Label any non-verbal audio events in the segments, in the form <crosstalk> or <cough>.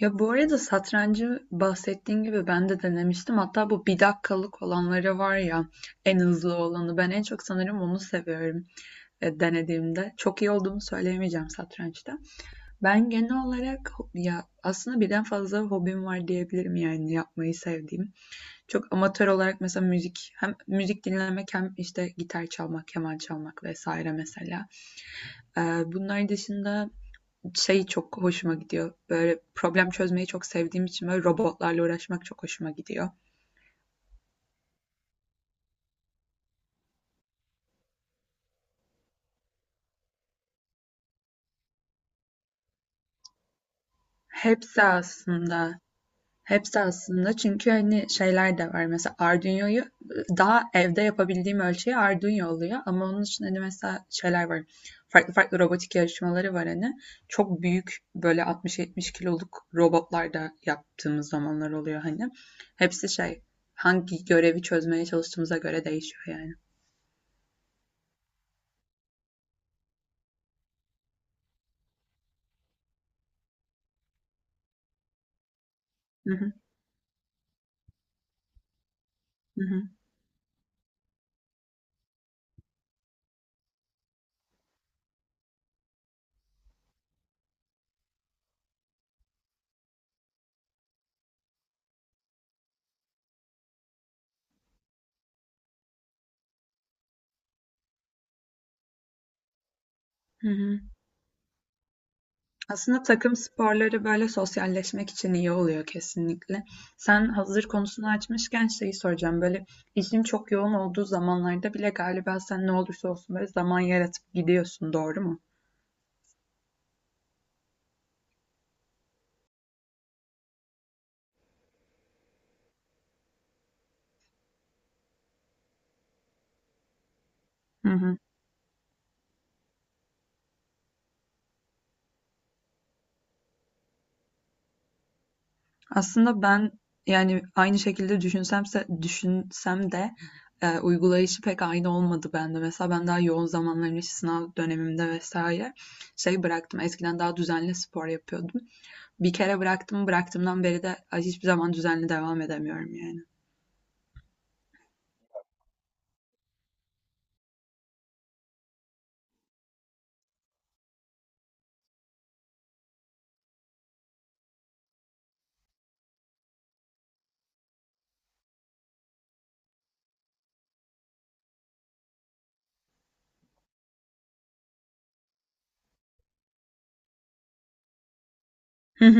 Ya bu arada satrancı bahsettiğin gibi ben de denemiştim. Hatta bu 1 dakikalık olanları var ya en hızlı olanı. Ben en çok sanırım onu seviyorum denediğimde. Çok iyi olduğumu söyleyemeyeceğim satrançta. Ben genel olarak ya aslında birden fazla hobim var diyebilirim yani yapmayı sevdiğim. Çok amatör olarak mesela müzik hem müzik dinlemek hem işte gitar çalmak, keman çalmak vesaire mesela. E, bunlar dışında şey çok hoşuma gidiyor. Böyle problem çözmeyi çok sevdiğim için böyle robotlarla uğraşmak çok hoşuma gidiyor. Hepsi aslında Hepsi aslında çünkü hani şeyler de var. Mesela Arduino'yu daha evde yapabildiğim ölçeği Arduino oluyor. Ama onun için hani mesela şeyler var. Farklı farklı robotik yarışmaları var hani. Çok büyük böyle 60-70 kiloluk robotlar da yaptığımız zamanlar oluyor hani. Hepsi şey hangi görevi çözmeye çalıştığımıza göre değişiyor yani. Hı hı, hı hı, hı hı. Aslında takım sporları böyle sosyalleşmek için iyi oluyor kesinlikle. Sen hazır konusunu açmışken şeyi soracağım. Böyle işin çok yoğun olduğu zamanlarda bile galiba sen ne olursa olsun böyle zaman yaratıp gidiyorsun, doğru mu? Hı hı. Aslında ben yani aynı şekilde düşünsem de uygulayışı pek aynı olmadı bende. Mesela ben daha yoğun zamanlarımda işte sınav dönemimde vesaire şey bıraktım. Eskiden daha düzenli spor yapıyordum. Bir kere bıraktım, bıraktığımdan beri de hiçbir zaman düzenli devam edemiyorum yani. <laughs>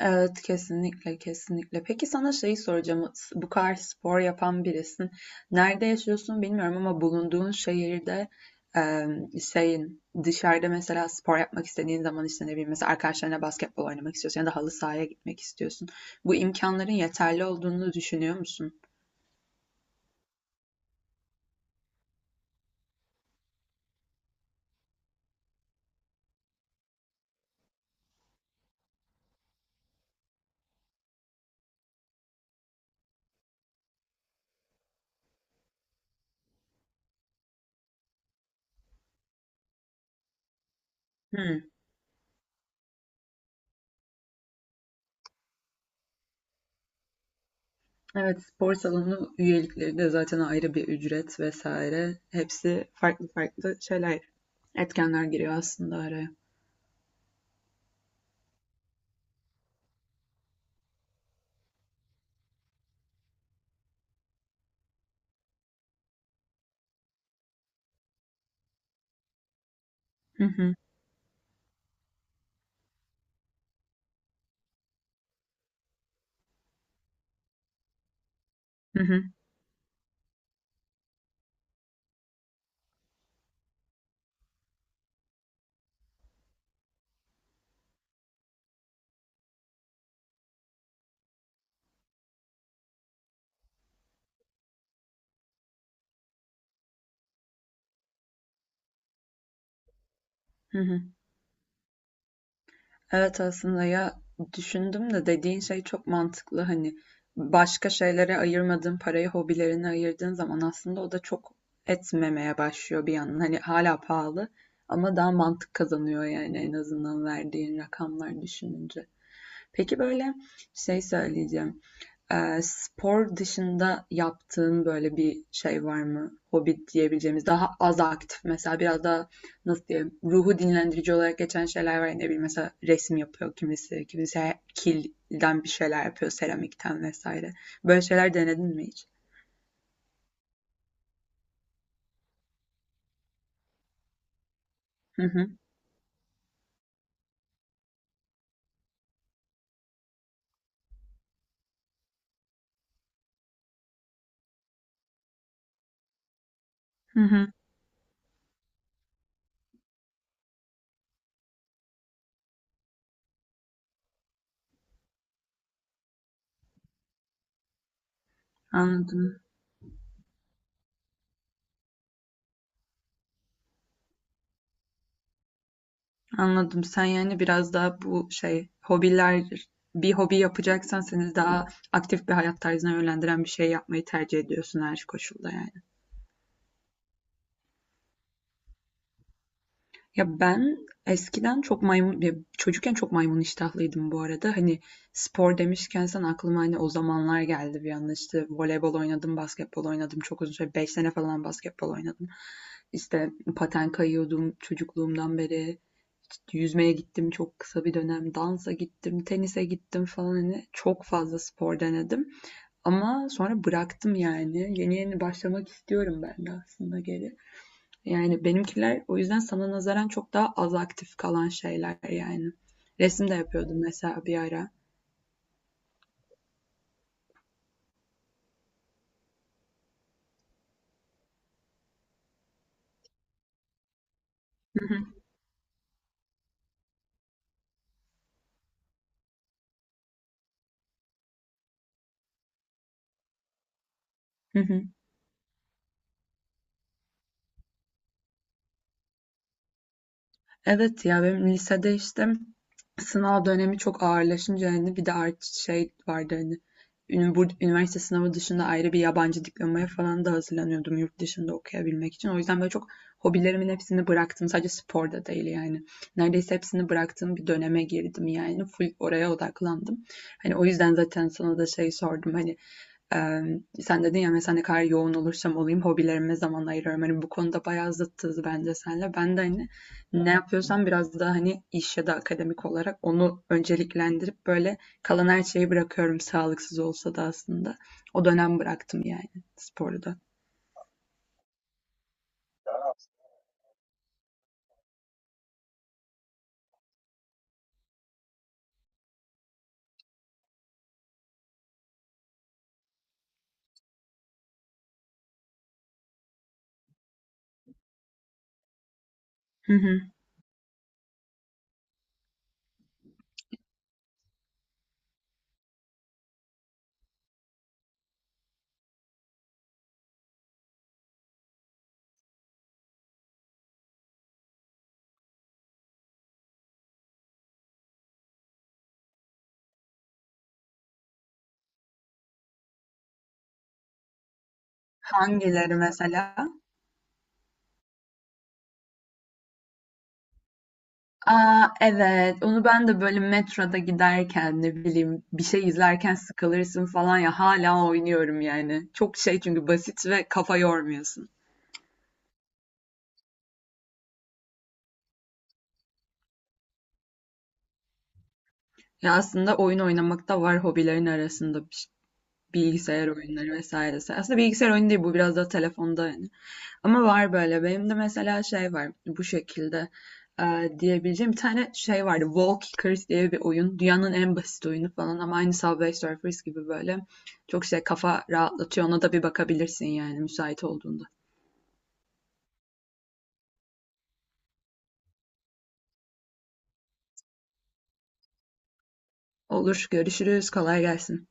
Evet, kesinlikle, kesinlikle. Peki sana şeyi soracağım. Bu kadar spor yapan birisin. Nerede yaşıyorsun bilmiyorum ama bulunduğun şehirde e, şeyin dışarıda mesela spor yapmak istediğin zaman işte ne bileyim mesela arkadaşlarına basketbol oynamak istiyorsun ya da halı sahaya gitmek istiyorsun. Bu imkanların yeterli olduğunu düşünüyor musun? Evet, spor salonu üyelikleri de zaten ayrı bir ücret vesaire. Hepsi farklı farklı şeyler, etkenler giriyor aslında araya. Hı hı, hı hı, hı hı. Evet aslında ya düşündüm de dediğin şey çok mantıklı. Hani başka şeylere ayırmadığın parayı hobilerine ayırdığın zaman aslında o da çok etmemeye başlıyor bir yandan. Hani hala pahalı ama daha mantık kazanıyor yani en azından verdiğin rakamlar düşününce. Peki böyle şey söyleyeceğim. Spor dışında yaptığın böyle bir şey var mı? Hobi diyebileceğimiz, daha az aktif mesela biraz daha nasıl diyeyim, ruhu dinlendirici olarak geçen şeyler var. Ya, ne bileyim mesela resim yapıyor kimisi, kimisi kilden bir şeyler yapıyor, seramikten vesaire. Böyle şeyler denedin mi hiç? Hı hı, hı hı, anladım. Anladım. Sen yani biraz daha bu şey hobiler bir hobi yapacaksan seni daha aktif bir hayat tarzına yönlendiren bir şey yapmayı tercih ediyorsun her koşulda yani. Ya ben eskiden çok maymun, ya çocukken çok maymun iştahlıydım bu arada. Hani spor demişken sen aklıma hani o zamanlar geldi bir anda işte voleybol oynadım, basketbol oynadım. Çok uzun süre 5 sene falan basketbol oynadım. İşte paten kayıyordum çocukluğumdan beri. İşte yüzmeye gittim çok kısa bir dönem, dansa gittim, tenise gittim falan hani çok fazla spor denedim. Ama sonra bıraktım yani. Yeni yeni başlamak istiyorum ben de aslında geri. Yani benimkiler o yüzden sana nazaran çok daha az aktif kalan şeyler yani. Resim de yapıyordum mesela bir ara. Hı hı. Hı hı. Evet ya benim lisede işte sınav dönemi çok ağırlaşınca hani bir de artı şey vardı hani bu üniversite sınavı dışında ayrı bir yabancı diplomaya falan da hazırlanıyordum yurt dışında okuyabilmek için. O yüzden böyle çok hobilerimin hepsini bıraktım. Sadece spor da değil yani. Neredeyse hepsini bıraktığım bir döneme girdim yani. Full oraya odaklandım. Hani o yüzden zaten sana da şey sordum hani ee, sen dedin ya mesela ne kadar yoğun olursam olayım hobilerime zaman ayırıyorum. Hani bu konuda bayağı zıttız bence senle. Ben de hani ne yapıyorsan biraz daha hani iş ya da akademik olarak onu önceliklendirip böyle kalan her şeyi bırakıyorum sağlıksız olsa da aslında. O dönem bıraktım yani sporu da. Hı hı. Hangileri mesela? Aa evet onu ben de böyle metroda giderken ne bileyim bir şey izlerken sıkılırsın falan ya hala oynuyorum yani. Çok şey çünkü basit ve kafa yormuyorsun. Ya aslında oyun oynamak da var hobilerin arasında bilgisayar oyunları vesairesi. Aslında bilgisayar oyunu değil bu biraz da telefonda yani. Ama var böyle. Benim de mesela şey var bu şekilde diyebileceğim bir tane şey vardı. Walkers diye bir oyun. Dünyanın en basit oyunu falan ama aynı Subway Surfers gibi böyle çok şey kafa rahatlatıyor. Ona da bir bakabilirsin yani müsait olduğunda. Olur, görüşürüz. Kolay gelsin.